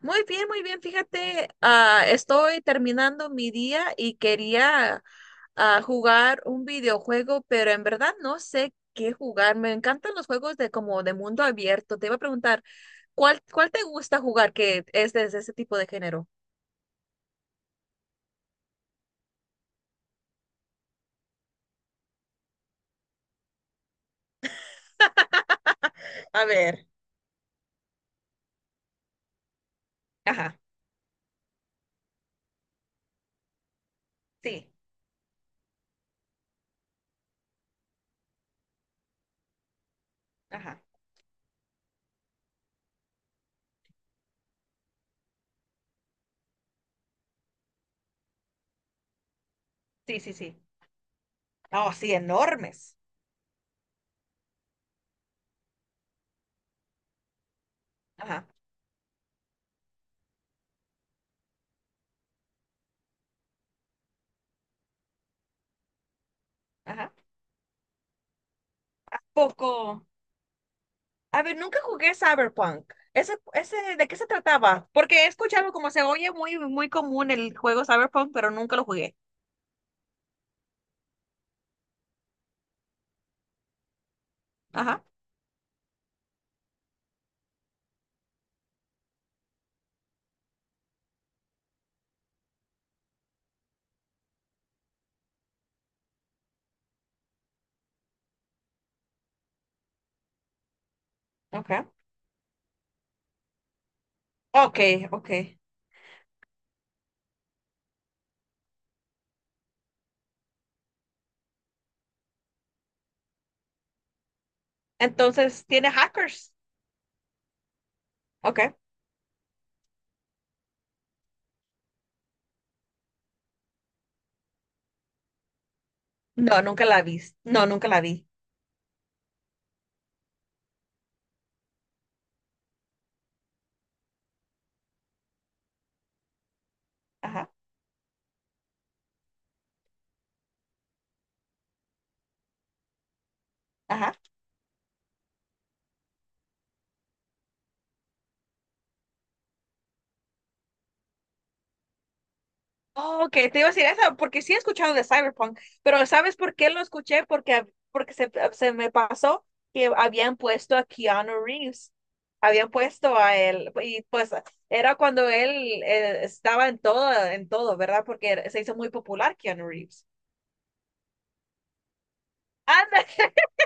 Muy bien, muy bien. Fíjate, estoy terminando mi día y quería jugar un videojuego, pero en verdad no sé qué jugar. Me encantan los juegos de como de mundo abierto. Te iba a preguntar, ¿cuál te gusta jugar que es de ese tipo de género? A ver, ajá, sí, ajá, sí, sí, sí. Oh, sí, enormes. Ajá, ajá. ¿A poco? A ver, nunca jugué Cyberpunk. ¿Ese, de qué se trataba? Porque he escuchado como se oye muy común el juego Cyberpunk, pero nunca lo jugué. Ajá. Okay. Okay, okay. Entonces, ¿tiene hackers? Okay. No, nunca la vi. No, nunca la vi. Ajá. Ajá. Oh, ok, te iba a decir eso, porque sí he escuchado de Cyberpunk, pero ¿sabes por qué lo escuché? Porque, porque se me pasó que habían puesto a Keanu Reeves, habían puesto a él, y pues era cuando él estaba en todo, ¿verdad? Se hizo muy popular Keanu Reeves. Anda,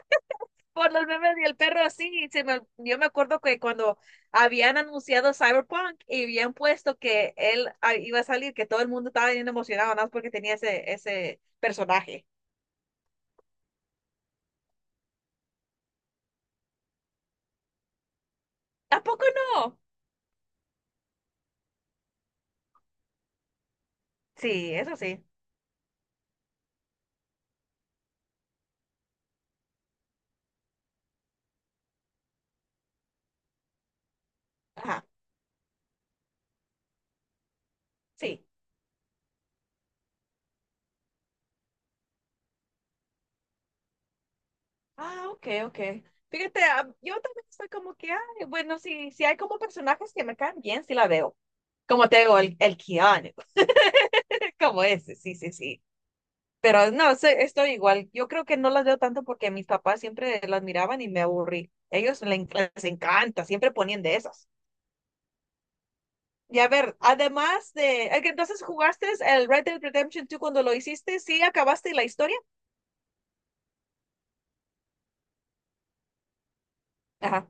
por los memes y el perro, sí, se me, yo me acuerdo que cuando habían anunciado Cyberpunk y habían puesto que él iba a salir, que todo el mundo estaba bien emocionado, nada más porque tenía ese personaje. ¿A poco no? Sí, eso sí. Ajá, sí. Ah, ok, ok. Fíjate, yo también estoy como que, ay, bueno, sí, sí hay como personajes que me caen bien, sí la veo. Como te digo, el Keanu, como ese, sí, sí, sí. Pero no, estoy igual. Yo creo que no las veo tanto porque mis papás siempre las miraban y me aburrí. Les encanta, siempre ponían de esas. Y a ver, además de, entonces jugaste el Red Dead Redemption 2 cuando lo hiciste, ¿sí acabaste la historia? Ajá,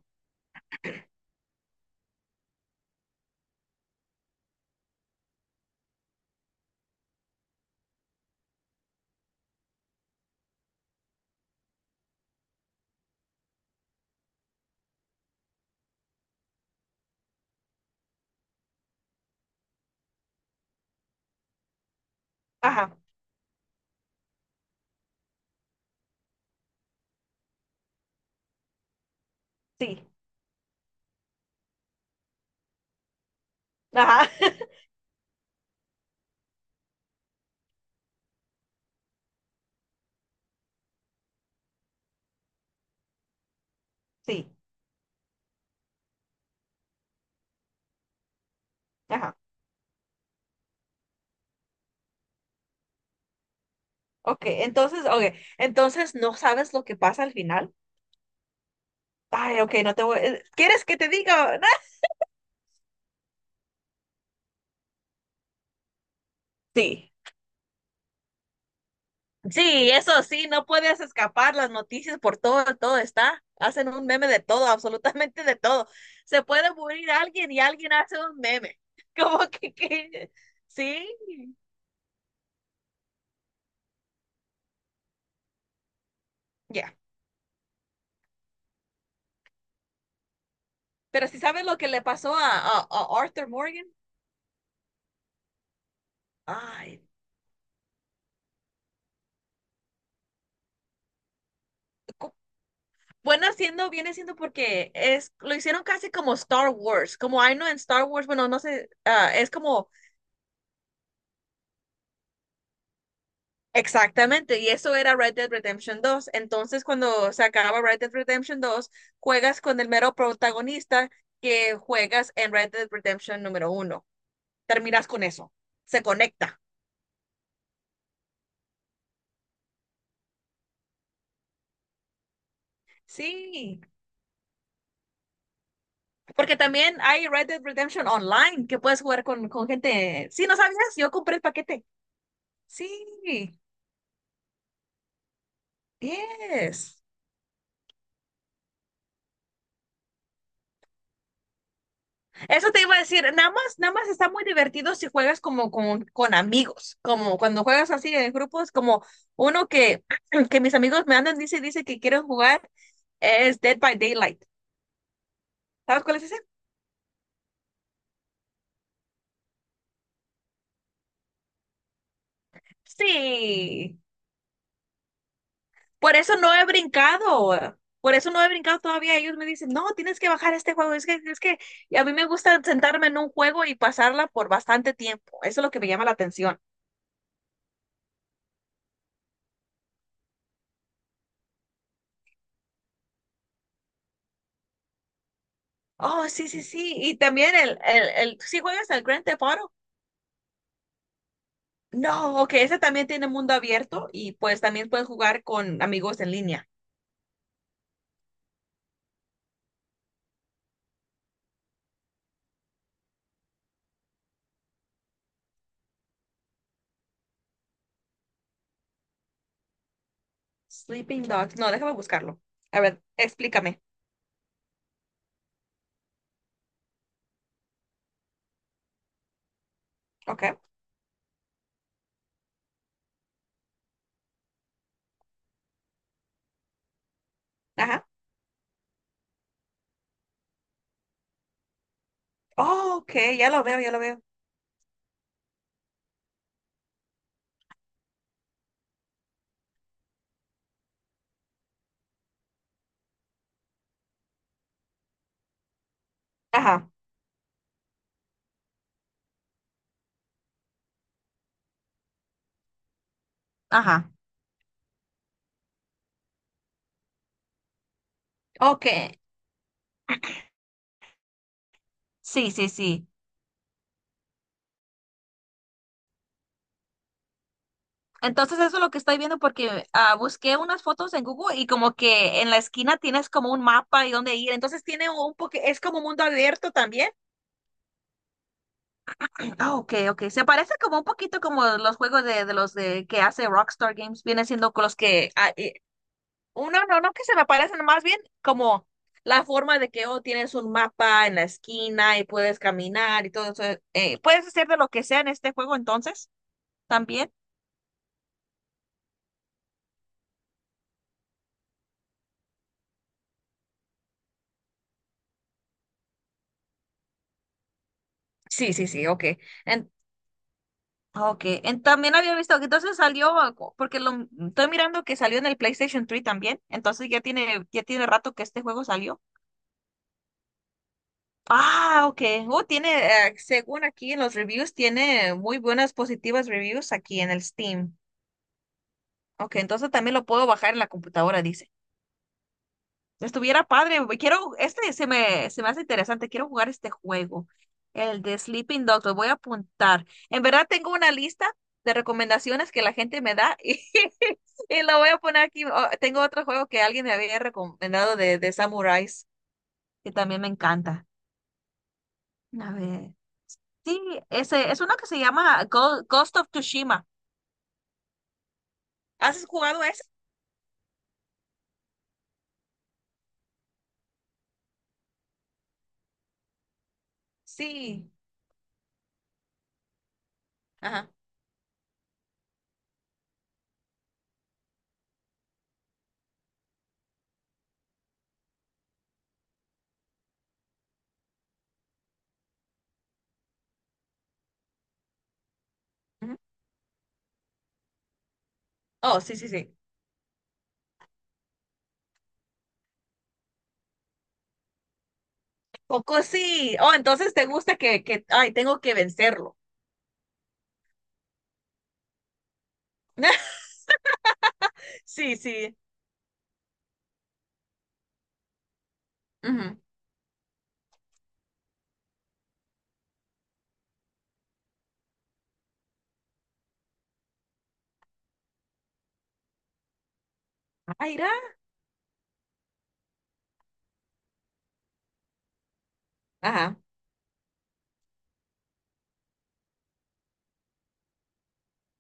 ajá, sí. Ajá. Sí, ajá. Ok, entonces no sabes lo que pasa al final. Ay, ok, no te voy. ¿Quieres que te diga? Sí, sí, eso sí, no puedes escapar las noticias por todo, todo está. Hacen un meme de todo, absolutamente de todo. Se puede morir alguien y alguien hace un meme. Como que, que- sí, ya. Pero si sabes lo que le pasó a Arthur Morgan, ay, bueno, haciendo, viene siendo porque es, lo hicieron casi como Star Wars, como I know en Star Wars, bueno, no sé, es como exactamente, y eso era Red Dead Redemption 2. Entonces, cuando se acaba Red Dead Redemption 2 juegas con el mero protagonista que juegas en Red Dead Redemption número 1. Terminas con eso, se conecta. Sí, porque también hay Red Dead Redemption Online que puedes jugar con gente. Sí, ¿no sabías? Yo compré el paquete. Sí, yes. Eso te iba a decir, nada más, nada más está muy divertido si juegas como con amigos, como cuando juegas así en grupos, como uno que, que mis amigos me andan, dice, dice que quieren jugar, es Dead by Daylight. ¿Sabes cuál es ese? Sí, por eso no he brincado, por eso no he brincado todavía. Ellos me dicen, no, tienes que bajar este juego, es que y a mí me gusta sentarme en un juego y pasarla por bastante tiempo, eso es lo que me llama la atención. Oh, sí, sí, sí, y también ¿sí juegas al Grand Theft Auto? No, ok, ese también tiene mundo abierto y pues también puedes jugar con amigos en línea. Sleeping Dogs. No, déjame buscarlo. A ver, explícame. Ok. Ajá. Oh, ok, ya lo veo. Ajá. Ajá. Ok. Sí, sí, sí. Entonces eso es lo que estoy viendo porque busqué unas fotos en Google y como que en la esquina tienes como un mapa y dónde ir. Entonces tiene un poquito, es como mundo abierto también. Ah, ok, ok. Se parece como un poquito como los juegos de los de que hace Rockstar Games. Viene siendo con los que uno no, no que se me parecen más bien como la forma de que oh, tienes un mapa en la esquina y puedes caminar y todo eso. Puedes hacer de lo que sea en este juego entonces también. Sí, sí, sí, ok. En- Ok, también había visto que entonces salió, porque lo estoy mirando que salió en el PlayStation 3 también, entonces ya tiene rato que este juego salió. Ah, ok, oh, tiene, según aquí en los reviews, tiene muy buenas positivas reviews aquí en el Steam. Ok, entonces también lo puedo bajar en la computadora, dice. Estuviera padre, güey. Quiero, este se me hace interesante. Quiero jugar este juego, el de Sleeping Dogs. Lo voy a apuntar. En verdad tengo una lista de recomendaciones que la gente me da y lo voy a poner aquí. Oh, tengo otro juego que alguien me había recomendado de Samurais, que también me encanta. A ver. Sí, ese es uno que se llama Ghost of Tsushima. ¿Has jugado ese? Sí. Ajá. Ujú. Oh, sí, sí, sí. Poco sí. Oh, entonces te gusta que, ay, tengo que vencerlo. Sí, sí. Ujú. Aira. Ajá,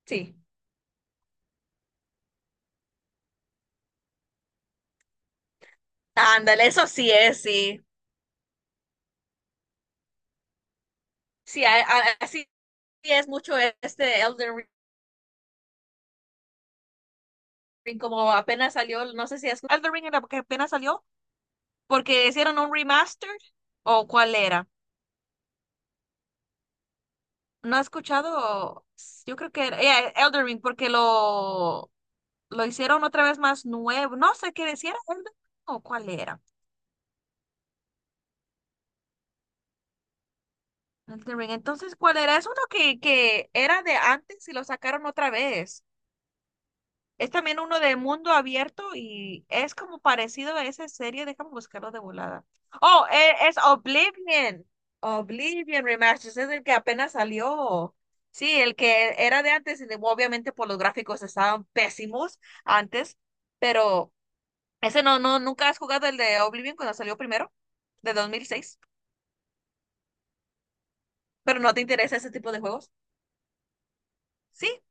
sí. Ándale, eso sí es, sí. Sí, así es mucho este Elden Ring, como apenas salió, no sé si es Elden Ring era que apenas salió, porque hicieron un remaster, o cuál era. No he escuchado, yo creo que era yeah, Elden Ring, porque lo hicieron otra vez más nuevo, no sé qué decía, Elden Ring, o cuál era. Elden Ring, entonces, ¿cuál era? Es uno que era de antes y lo sacaron otra vez. Es también uno de mundo abierto y es como parecido a esa serie. Déjame buscarlo de volada. Oh, es Oblivion. Oblivion Remasters es el que apenas salió. Sí, el que era de antes y obviamente por los gráficos estaban pésimos antes, pero ese no, no, nunca has jugado el de Oblivion cuando salió primero, de 2006, pero no te interesa ese tipo de juegos. Sí.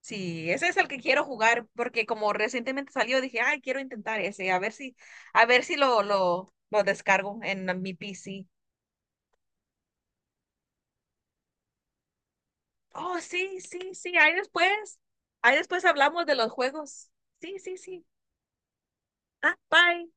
Sí, ese es el que quiero jugar porque como recientemente salió dije, ay, quiero intentar ese, a ver si lo, lo descargo en mi PC. Oh, sí, sí, sí, ahí después hablamos de los juegos. Sí, sí, sí. Ah, bye.